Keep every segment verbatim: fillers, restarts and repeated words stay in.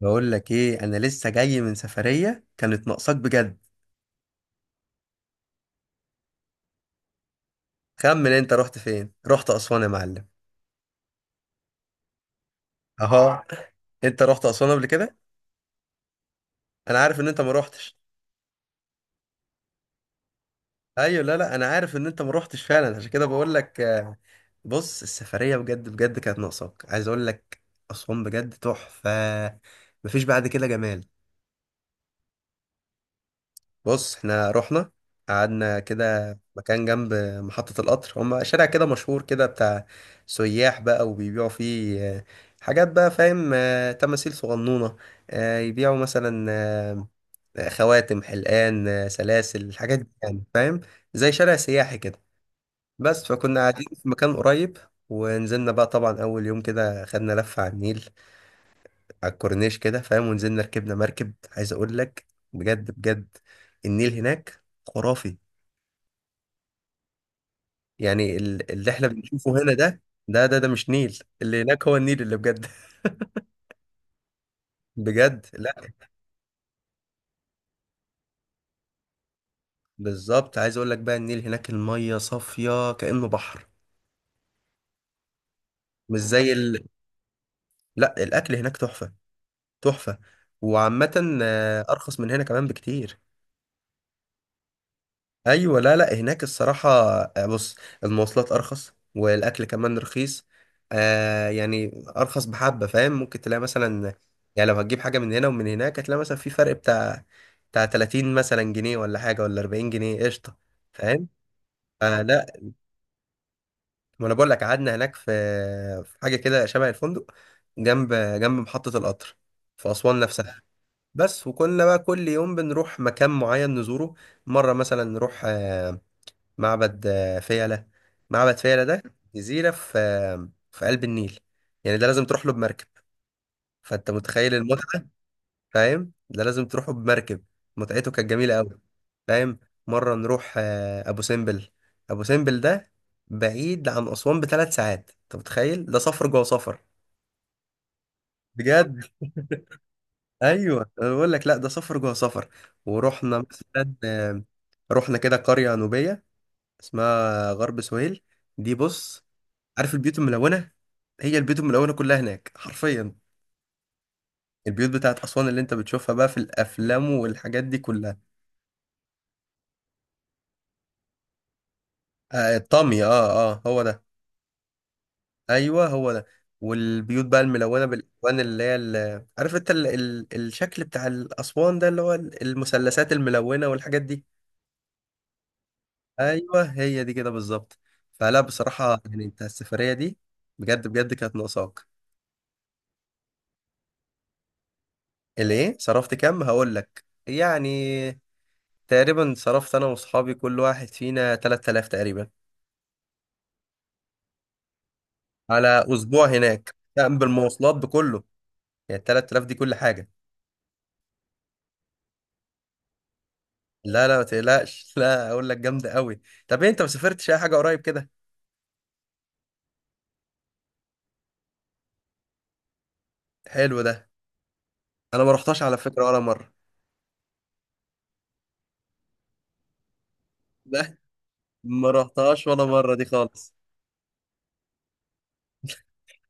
بقول لك ايه، انا لسه جاي من سفرية كانت ناقصاك بجد. خمن انت رحت فين. رحت اسوان يا معلم. اهو. انت رحت اسوان قبل كده. انا عارف ان انت ما رحتش. ايوه، لا لا، انا عارف ان انت ما رحتش فعلا، عشان كده بقول لك آه، بص. السفرية بجد بجد كانت ناقصاك، عايز اقول لك. اسوان بجد تحفة. مفيش بعد كده جمال. بص احنا رحنا، قعدنا كده مكان جنب محطة القطر. هما شارع كده مشهور كده بتاع سياح بقى، وبيبيعوا فيه آه، حاجات بقى، فاهم؟ آه، تماثيل صغنونة، آه، يبيعوا مثلا آه، خواتم، حلقان، آه، سلاسل، الحاجات دي يعني، فاهم؟ زي شارع سياحي كده. بس فكنا قاعدين في مكان قريب. ونزلنا بقى، طبعا أول يوم كده خدنا لفة على النيل، على الكورنيش كده فاهم. ونزلنا ركبنا مركب، عايز أقول لك، بجد بجد النيل هناك خرافي. يعني ال- اللي احنا بنشوفه هنا ده، ده ده ده مش نيل. اللي هناك هو النيل اللي بجد. بجد لا. بالظبط، عايز اقول لك بقى، النيل هناك المية صافية كأنه بحر. مش زي ال... لا، الأكل هناك تحفة، تحفة. وعامة آه، أرخص من هنا كمان بكتير. ايوه، لا لا، هناك الصراحه آه، بص، المواصلات ارخص، والاكل كمان رخيص. آه يعني ارخص بحبه، فاهم؟ ممكن تلاقي مثلا، يعني لو هتجيب حاجه من هنا ومن هناك، هتلاقي مثلا في فرق بتاع بتاع تلاتين مثلا جنيه ولا حاجه، ولا اربعين جنيه، قشطه، فاهم؟ آه لا، ما انا بقول لك، قعدنا هناك في في حاجه كده شبه الفندق، جنب جنب محطه القطر، في اسوان نفسها بس. وكنا بقى كل يوم بنروح مكان معين نزوره. مره مثلا نروح آه معبد آه، فيلة. معبد فيلة ده جزيرة في آه، في قلب النيل. يعني ده لازم تروح له بمركب، فأنت متخيل المتعة. فاهم؟ ده لازم تروحه بمركب. متعته كانت جميلة أوي، فاهم؟ مرة نروح آه، أبو سمبل. أبو سمبل ده بعيد عن أسوان بثلاث ساعات، أنت متخيل؟ ده سفر جوه سفر. بجد. أيوه، أنا بقول لك، لا ده سفر جوه سفر. ورحنا مثلا آه، رحنا كده قرية نوبية اسمها غرب سهيل. دي بص، عارف البيوت الملونه؟ هي البيوت الملونه كلها هناك حرفيا، البيوت بتاعت اسوان اللي انت بتشوفها بقى في الافلام والحاجات دي كلها. آه الطامي، اه اه هو ده. ايوه هو ده. والبيوت بقى الملونه بالالوان، اللي هي ال- عارف انت ال... ال... الشكل بتاع الاسوان ده، اللي هو ال- المثلثات الملونه والحاجات دي. ايوه هي دي كده بالظبط. فلا، بصراحه يعني انت، السفريه دي بجد بجد كانت ناقصاك. اللي ايه، صرفت كام؟ هقول لك يعني، تقريبا صرفت انا واصحابي كل واحد فينا تلاتالاف تقريبا. على اسبوع هناك، كان بالمواصلات بكله، يعني تلاتالاف دي كل حاجه. لا لا، ما تقلقش. لا اقول لك جامده قوي. طب إيه، انت ما سافرتش اي حاجه قريب كده؟ حلو ده. انا ما رحتش على فكره ولا مره. لا، ما رحتهاش ولا مره دي خالص.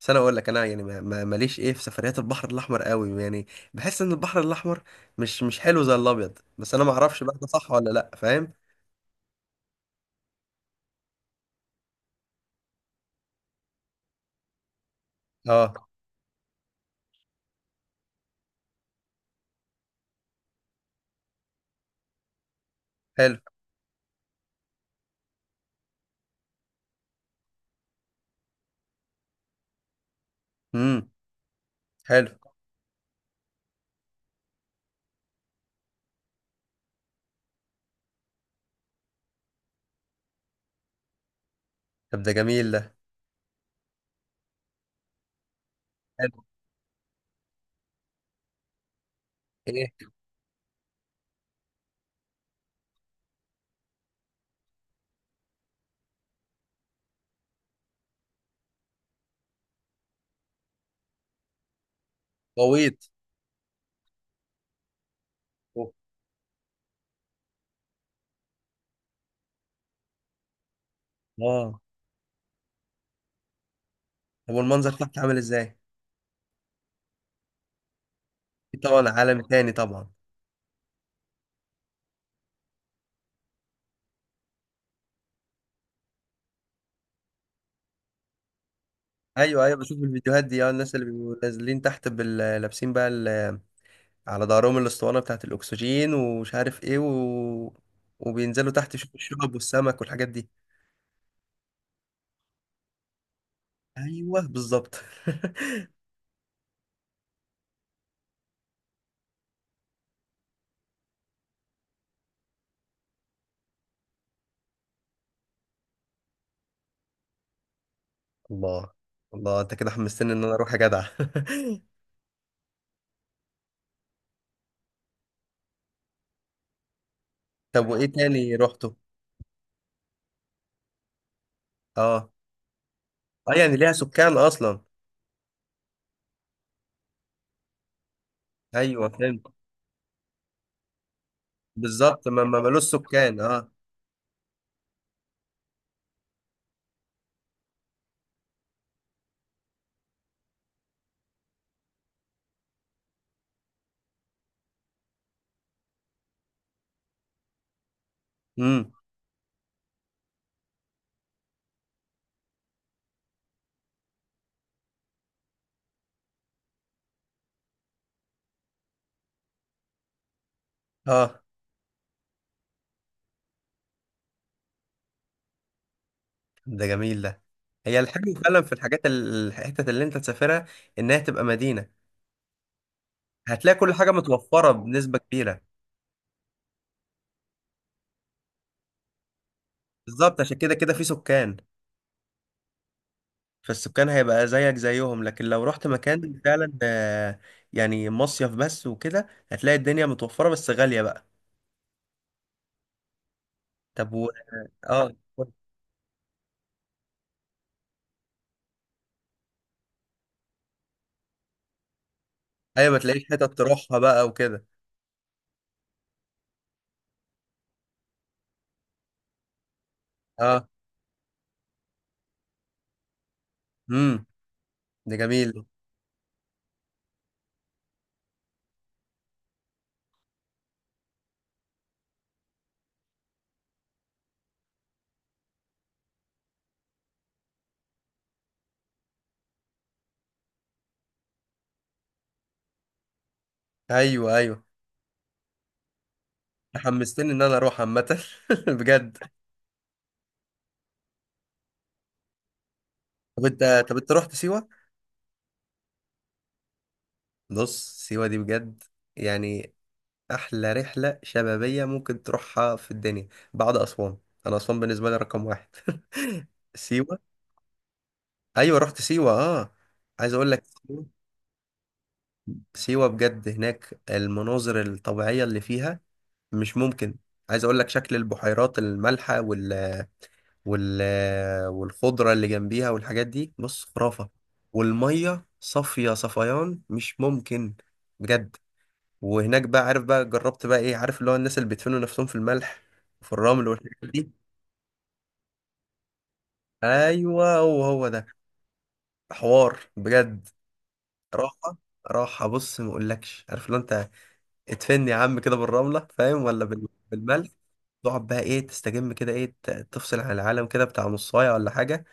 بس انا اقول لك، انا يعني ما- ما- ماليش ايه في سفريات البحر الاحمر قوي يعني. بحس ان البحر الاحمر مش مش حلو زي الابيض، بس انا ما اعرفش بقى ده صح ولا لا، فاهم؟ اه. حلو. امم. حلو. طب ده جميل. حلو. ايه؟ غويط. أوه. اه. طب والمنظر تحت عامل ازاي؟ في طبعا عالم تاني طبعا. ايوه ايوه، بشوف الفيديوهات دي اه، الناس اللي بيبقوا نازلين تحت بال- لابسين بقى ال- على ظهرهم الاسطوانه بتاعه الاكسجين ومش عارف ايه و... وبينزلوا تحت يشوفوا الشعب والسمك والحاجات دي. ايوه بالظبط. الله، الله، انت كده حمستني ان انا اروح يا جدع. طب وايه تاني رحته؟ اه. اه يعني ليها سكان اصلا. ايوه فهمت. بالظبط، ما ما- ملوش سكان اه. امم. اه. ده جميل ده. هي الحلو فعلا في الحاجات ال- الحتت اللي انت تسافرها انها تبقى مدينة. هتلاقي كل حاجة متوفرة بنسبة كبيرة. بالظبط، عشان كده كده في سكان. فالسكان هيبقى زيك زيهم. لكن لو رحت مكان فعلا آه، يعني مصيف بس وكده، هتلاقي الدنيا متوفرة بس غالية بقى. طب و... اه. ايوه، ما تلاقيش حتت تروحها بقى وكده. اه. امم. ده جميل. ايوه ايوه. حمستني ان انا اروح عامة. بجد. طب انت، طب انت رحت سيوة؟ بص، سيوة دي بجد يعني أحلى رحلة شبابية ممكن تروحها في الدنيا، بعد أسوان. أنا أسوان بالنسبة لي رقم واحد. سيوة. أيوة رحت سيوة أه. عايز أقول لك، سيوة بجد، هناك المناظر الطبيعية اللي فيها مش ممكن. عايز أقول لك، شكل البحيرات المالحة وال... وال... والخضرة اللي جنبيها والحاجات دي، بص خرافة. والمية صافية صفيان، مش ممكن. بجد. وهناك بقى، عارف بقى جربت بقى ايه؟ عارف اللي هو الناس اللي بيدفنوا نفسهم في الملح وفي الرمل والحاجات دي. ايوه هو هو ده. حوار بجد. راحه. راحه، بص ما اقولكش. عارف لو انت اتفن يا عم كده بالرمله، فاهم؟ ولا بال- بالملح. تقعد بقى ايه، تستجم كده، ايه ت- تفصل عن العالم كده، بتاع نصايه ولا حاجه.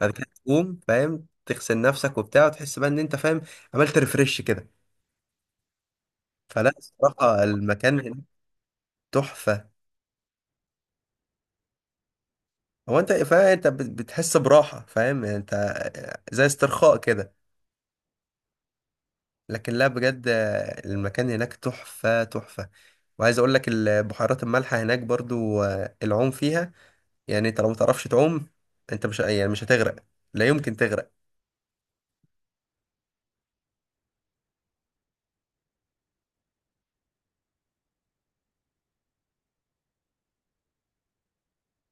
بعد كده تقوم فاهم، تغسل نفسك وبتاع، وتحس بقى ان انت فاهم عملت ريفرش كده. فلا الصراحه، المكان هناك تحفه. هو انت فاهم، انت بت- بتحس براحة، فاهم يعني انت؟ زي استرخاء كده. لكن لا، بجد آه، المكان هناك تحفة تحفة. وعايز اقول لك، البحيرات المالحة هناك برضو آه، العوم فيها، يعني انت لو متعرفش تعوم، انت مش يعني، مش هتغرق. لا يمكن تغرق.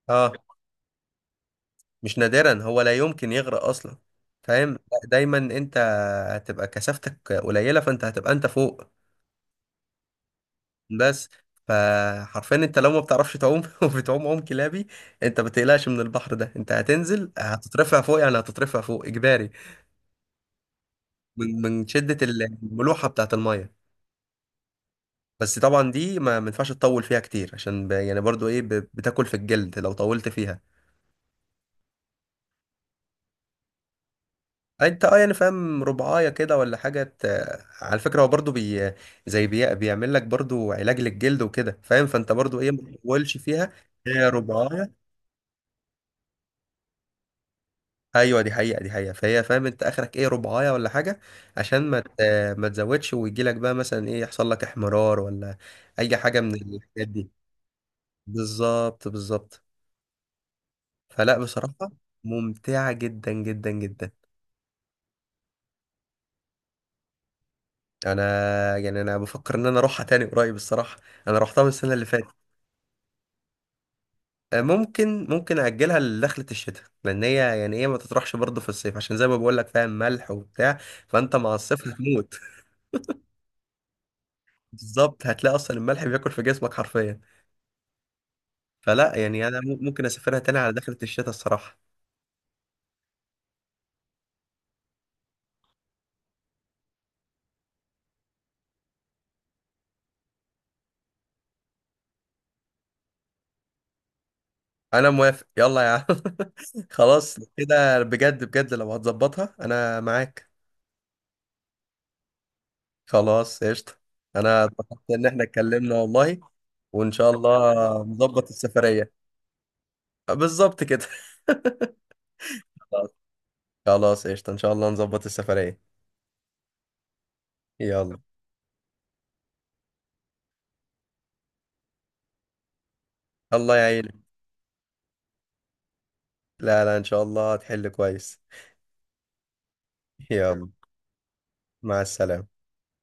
اه. مش نادرا، هو لا يمكن يغرق اصلا، فاهم؟ لا، دايما انت هتبقى كثافتك قليلة، فانت هتبقى انت فوق بس. فحرفيا انت لو ما بتعرفش تعوم وبتعوم عوم كلابي، انت ما تقلقش من البحر ده. انت هتنزل هتترفع فوق، يعني هتترفع فوق اجباري من من شدة الملوحة بتاعت المية. بس طبعا دي ما ما ينفعش تطول فيها كتير، عشان ب... يعني برضو ايه، ب... بتاكل في الجلد لو طولت فيها. انت اه يعني فاهم، ربعايه كده ولا حاجه، ت... على فكره هو برضو بي... زي بي... بيعمل لك برضو علاج للجلد وكده، فاهم؟ فانت برضو ايه، ما تطولش فيها. هي رباعية. ايوه، دي حقيقه دي حقيقه. فهي فاهم، انت اخرك ايه، ربعايه ولا حاجه، عشان ما ت- آه، ما تزودش ويجي لك بقى مثلا ايه، يحصل لك احمرار ولا اي حاجه من الحاجات دي. بالظبط بالظبط. فلا بصراحه، ممتعه جدا جدا جدا. انا يعني، انا بفكر ان انا اروحها تاني قريب الصراحه. انا روحتها من السنه اللي فاتت. آه، ممكن، ممكن اجلها لدخله الشتاء، لان هي يعني ايه، ما تطرحش برضه في الصيف، عشان زي ما بقول لك فاهم، ملح وبتاع، فانت مع الصيف هتموت. بالظبط، هتلاقي اصلا الملح بياكل في جسمك حرفيا. فلا يعني انا مم- ممكن اسافرها تاني على دخلة الشتاء الصراحة. انا موافق، يلا يا عم. خلاص كده بجد بجد، لو هتظبطها انا معاك. خلاص قشطة. انا اتبسطت ان احنا اتكلمنا والله. وان شاء الله نظبط السفرية. بالظبط كده. خلاص. خلاص قشطة، ان شاء الله نظبط السفرية. يلا. الله يعينك. لا لا، ان شاء الله هتحل كويس. يلا، مع السلامة.